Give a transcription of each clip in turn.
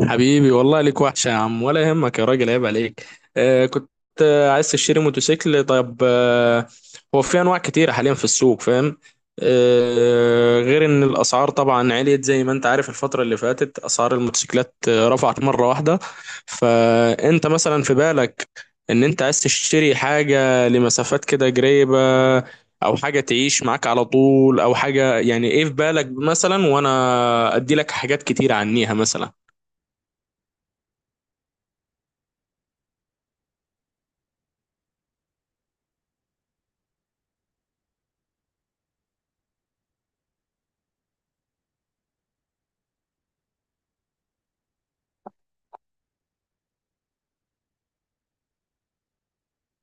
حبيبي، والله ليك وحشة يا عم، ولا يهمك يا راجل، عيب عليك. آه كنت آه عايز تشتري موتوسيكل؟ طيب، هو في أنواع كتيرة حاليا في السوق، فاهم؟ غير إن الأسعار طبعا عليت، زي ما أنت عارف الفترة اللي فاتت أسعار الموتوسيكلات رفعت مرة واحدة. فأنت مثلا في بالك إن أنت عايز تشتري حاجة لمسافات كده قريبة، أو حاجة تعيش معاك على طول، أو حاجة، يعني إيه في بالك مثلا، وأنا أدي لك حاجات كتيرة عنيها مثلا.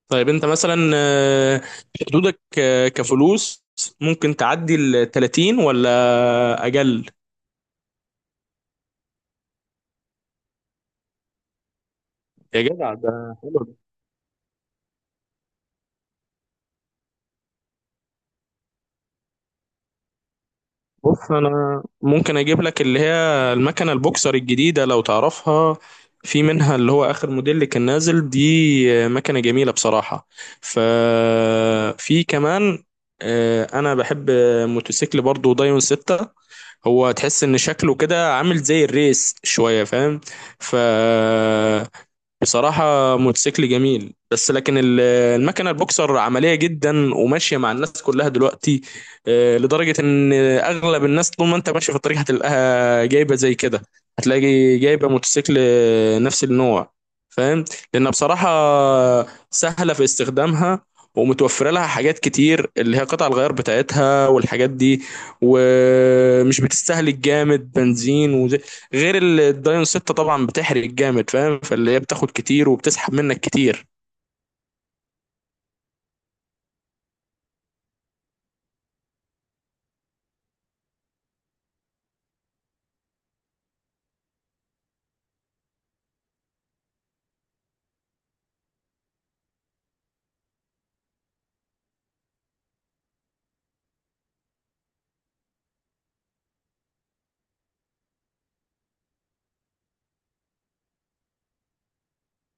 طيب انت مثلا، حدودك كفلوس، ممكن تعدي ال 30 ولا اجل؟ يا جدع ده حلو ده. بص، انا ممكن اجيب لك اللي هي المكنه البوكسر الجديده لو تعرفها، في منها اللي هو اخر موديل اللي كان نازل دي. مكنه جميله بصراحه. ففي كمان، انا بحب موتوسيكل برضو دايون 6. هو تحس ان شكله كده عامل زي الريس شويه، فاهم؟ ف بصراحة موتوسيكل جميل، بس لكن المكنة البوكسر عملية جدا وماشية مع الناس كلها دلوقتي. لدرجة ان اغلب الناس طول ما انت ماشي في الطريق هتلاقيها جايبة زي كده، هتلاقي جايبة موتوسيكل نفس النوع، فاهم؟ لانها بصراحة سهلة في استخدامها، ومتوفرة لها حاجات كتير اللي هي قطع الغيار بتاعتها والحاجات دي، ومش بتستهلك جامد بنزين. غير الدايون 6 طبعا بتحرق جامد، فاهم؟ فاللي هي بتاخد كتير وبتسحب منك كتير.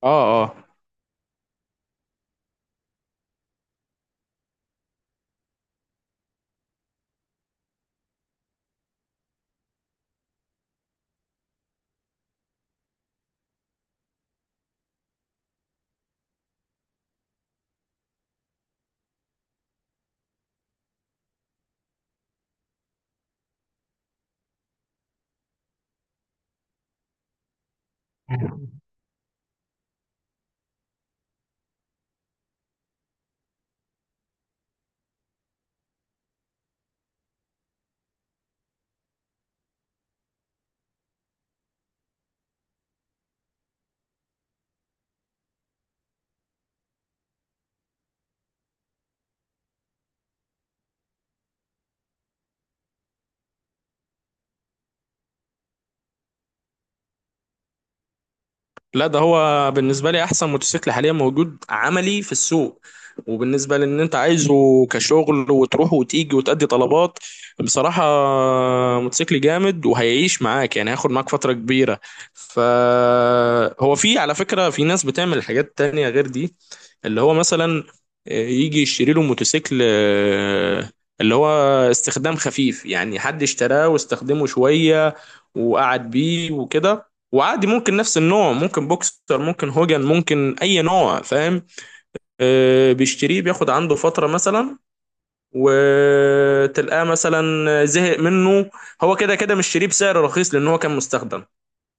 اه، اه. لا ده هو بالنسبة لي أحسن موتوسيكل حاليا موجود عملي في السوق، وبالنسبة لأن أنت عايزه كشغل وتروح وتيجي وتأدي طلبات، بصراحة موتوسيكل جامد وهيعيش معاك، يعني هياخد معاك فترة كبيرة. فهو في، على فكرة، في ناس بتعمل حاجات تانية غير دي، اللي هو مثلا يجي يشتري له موتوسيكل، اللي هو استخدام خفيف، يعني حد اشتراه واستخدمه شوية وقعد بيه وكده، وعادي ممكن نفس النوع، ممكن بوكسر، ممكن هوجن، ممكن اي نوع، فاهم؟ بيشتريه، بياخد عنده فتره مثلا، وتلقاه مثلا زهق منه. هو كده كده مشتريه بسعر رخيص لان هو كان مستخدم،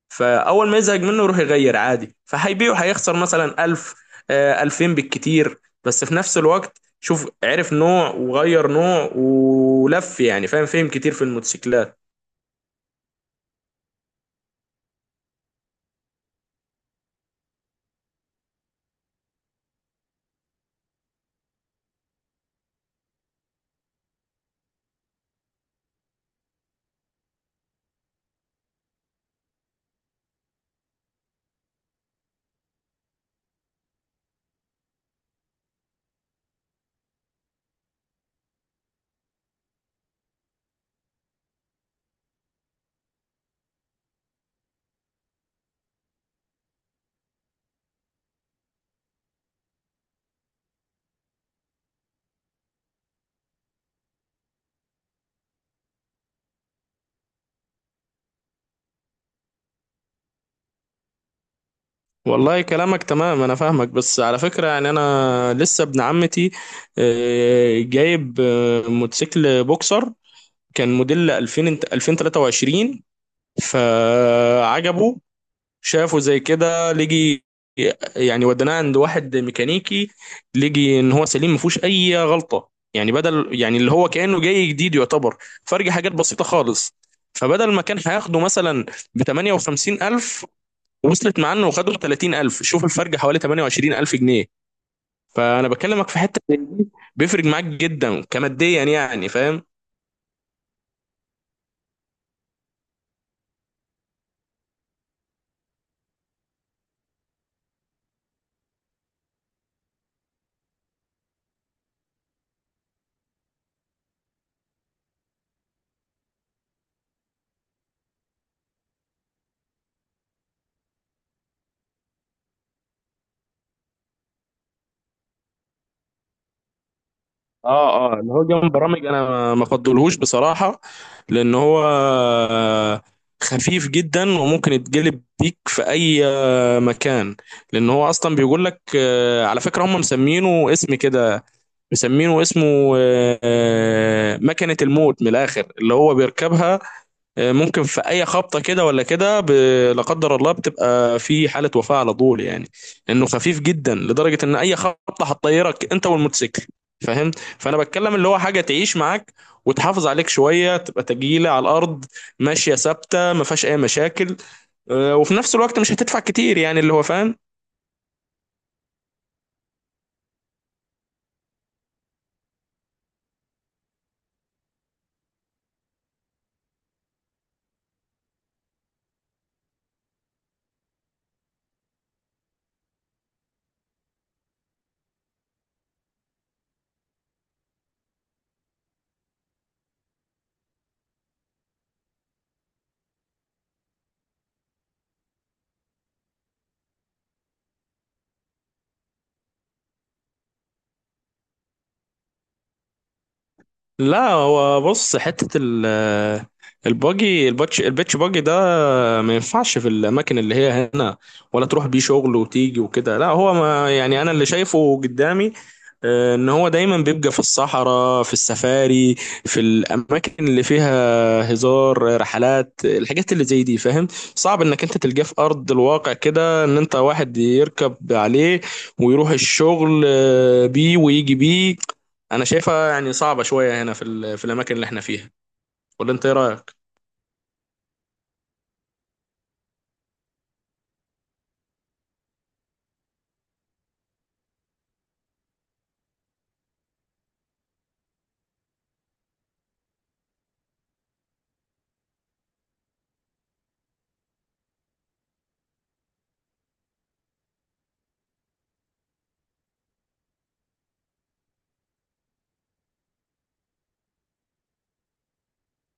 فاول ما يزهق منه يروح يغير عادي، فهيبيعه هيخسر مثلا 1000، 2000 بالكتير، بس في نفس الوقت شوف، عرف نوع وغير نوع ولف، يعني فاهم، فهم كتير في الموتوسيكلات. والله كلامك تمام، انا فاهمك، بس على فكرة يعني انا لسه ابن عمتي جايب موتوسيكل بوكسر، كان موديل 2000 2023. فعجبه شافه زي كده، لجي يعني وديناه عند واحد ميكانيكي، لجي ان هو سليم ما فيهوش اي غلطة، يعني بدل يعني اللي هو كأنه جاي جديد يعتبر، فرق حاجات بسيطة خالص. فبدل ما كان هياخده مثلا ب 58,000، وصلت معانا وخدوا 30,000، شوف الفرق حوالي 28,000 جنيه. فانا بكلمك في حته زي دي بيفرق معاك جدا كماديا، يعني فاهم؟ اه، اه. اللي هو جنب برامج انا ما افضلهوش بصراحه، لان هو خفيف جدا وممكن يتجلب بيك في اي مكان، لان هو اصلا بيقول لك، على فكره هم مسمينه اسم كده، مسمينه اسمه مكنه الموت من الاخر، اللي هو بيركبها ممكن في اي خبطه كده ولا كده، لا قدر الله بتبقى في حاله وفاه على طول يعني، لانه خفيف جدا لدرجه ان اي خبطه هتطيرك انت والموتوسيكل، فاهم؟ فانا بتكلم اللي هو حاجه تعيش معاك وتحافظ عليك شويه، تبقى تجيله على الارض ماشيه ثابته ما فيهاش اي مشاكل، وفي نفس الوقت مش هتدفع كتير، يعني اللي هو فاهم. لا هو بص، حتة ال الباجي الباتش الباتش باجي ده ما ينفعش في الأماكن اللي هي هنا، ولا تروح بيه شغل وتيجي وكده. لا هو، ما يعني أنا اللي شايفه قدامي ان هو دايما بيبقى في الصحراء، في السفاري، في الاماكن اللي فيها هزار رحلات الحاجات اللي زي دي، فاهم؟ صعب انك انت تلقاه في ارض الواقع كده، ان انت واحد يركب عليه ويروح الشغل بيه ويجي بيه. انا شايفها يعني صعبة شوية هنا في الاماكن اللي احنا فيها، ولا انت ايه رايك؟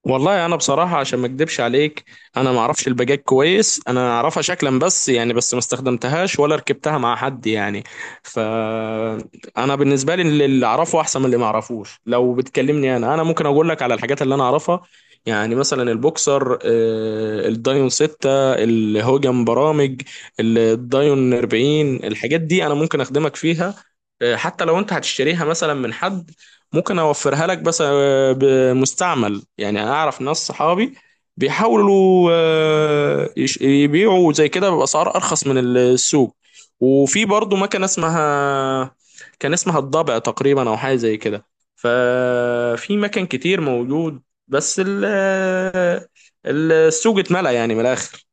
والله انا بصراحه عشان ما اكدبش عليك، انا ما اعرفش الباجات كويس، انا اعرفها شكلا بس يعني، بس ما استخدمتهاش ولا ركبتها مع حد يعني. ف انا بالنسبه لي اللي اعرفه احسن من اللي ما اعرفوش، لو بتكلمني انا ممكن اقول لك على الحاجات اللي انا اعرفها. يعني مثلا البوكسر، الدايون 6، الهوجن برامج، الدايون 40، الحاجات دي انا ممكن اخدمك فيها. حتى لو انت هتشتريها مثلا من حد ممكن اوفرها لك، بس بمستعمل، يعني انا اعرف ناس صحابي بيحاولوا، يبيعوا زي كده باسعار ارخص من السوق. وفي برضو مكنه اسمها، كان اسمها الضبع تقريبا او حاجه زي كده، ففي مكان كتير موجود، بس السوق اتملى يعني من الاخر.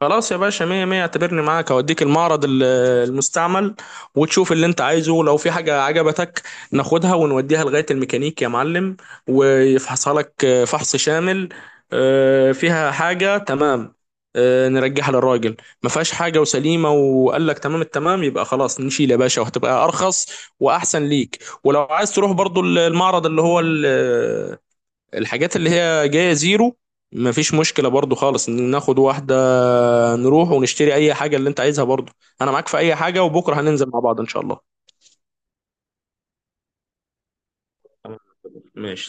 خلاص يا باشا، مية مية، اعتبرني معاك اوديك المعرض المستعمل، وتشوف اللي انت عايزه، لو في حاجة عجبتك ناخدها ونوديها لغاية الميكانيك يا معلم، ويفحصها لك فحص شامل، فيها حاجة تمام، نرجعها للراجل. ما فيهاش حاجة وسليمة وقال لك تمام التمام، يبقى خلاص نشيل يا باشا، وهتبقى ارخص واحسن ليك. ولو عايز تروح برضو المعرض اللي هو الحاجات اللي هي جاية زيرو، مفيش مشكلة برضو خالص إن ناخد واحدة، نروح ونشتري أي حاجة اللي أنت عايزها برضو. أنا معاك في أي حاجة، وبكرة هننزل مع بعض إن شاء الله. ماشي.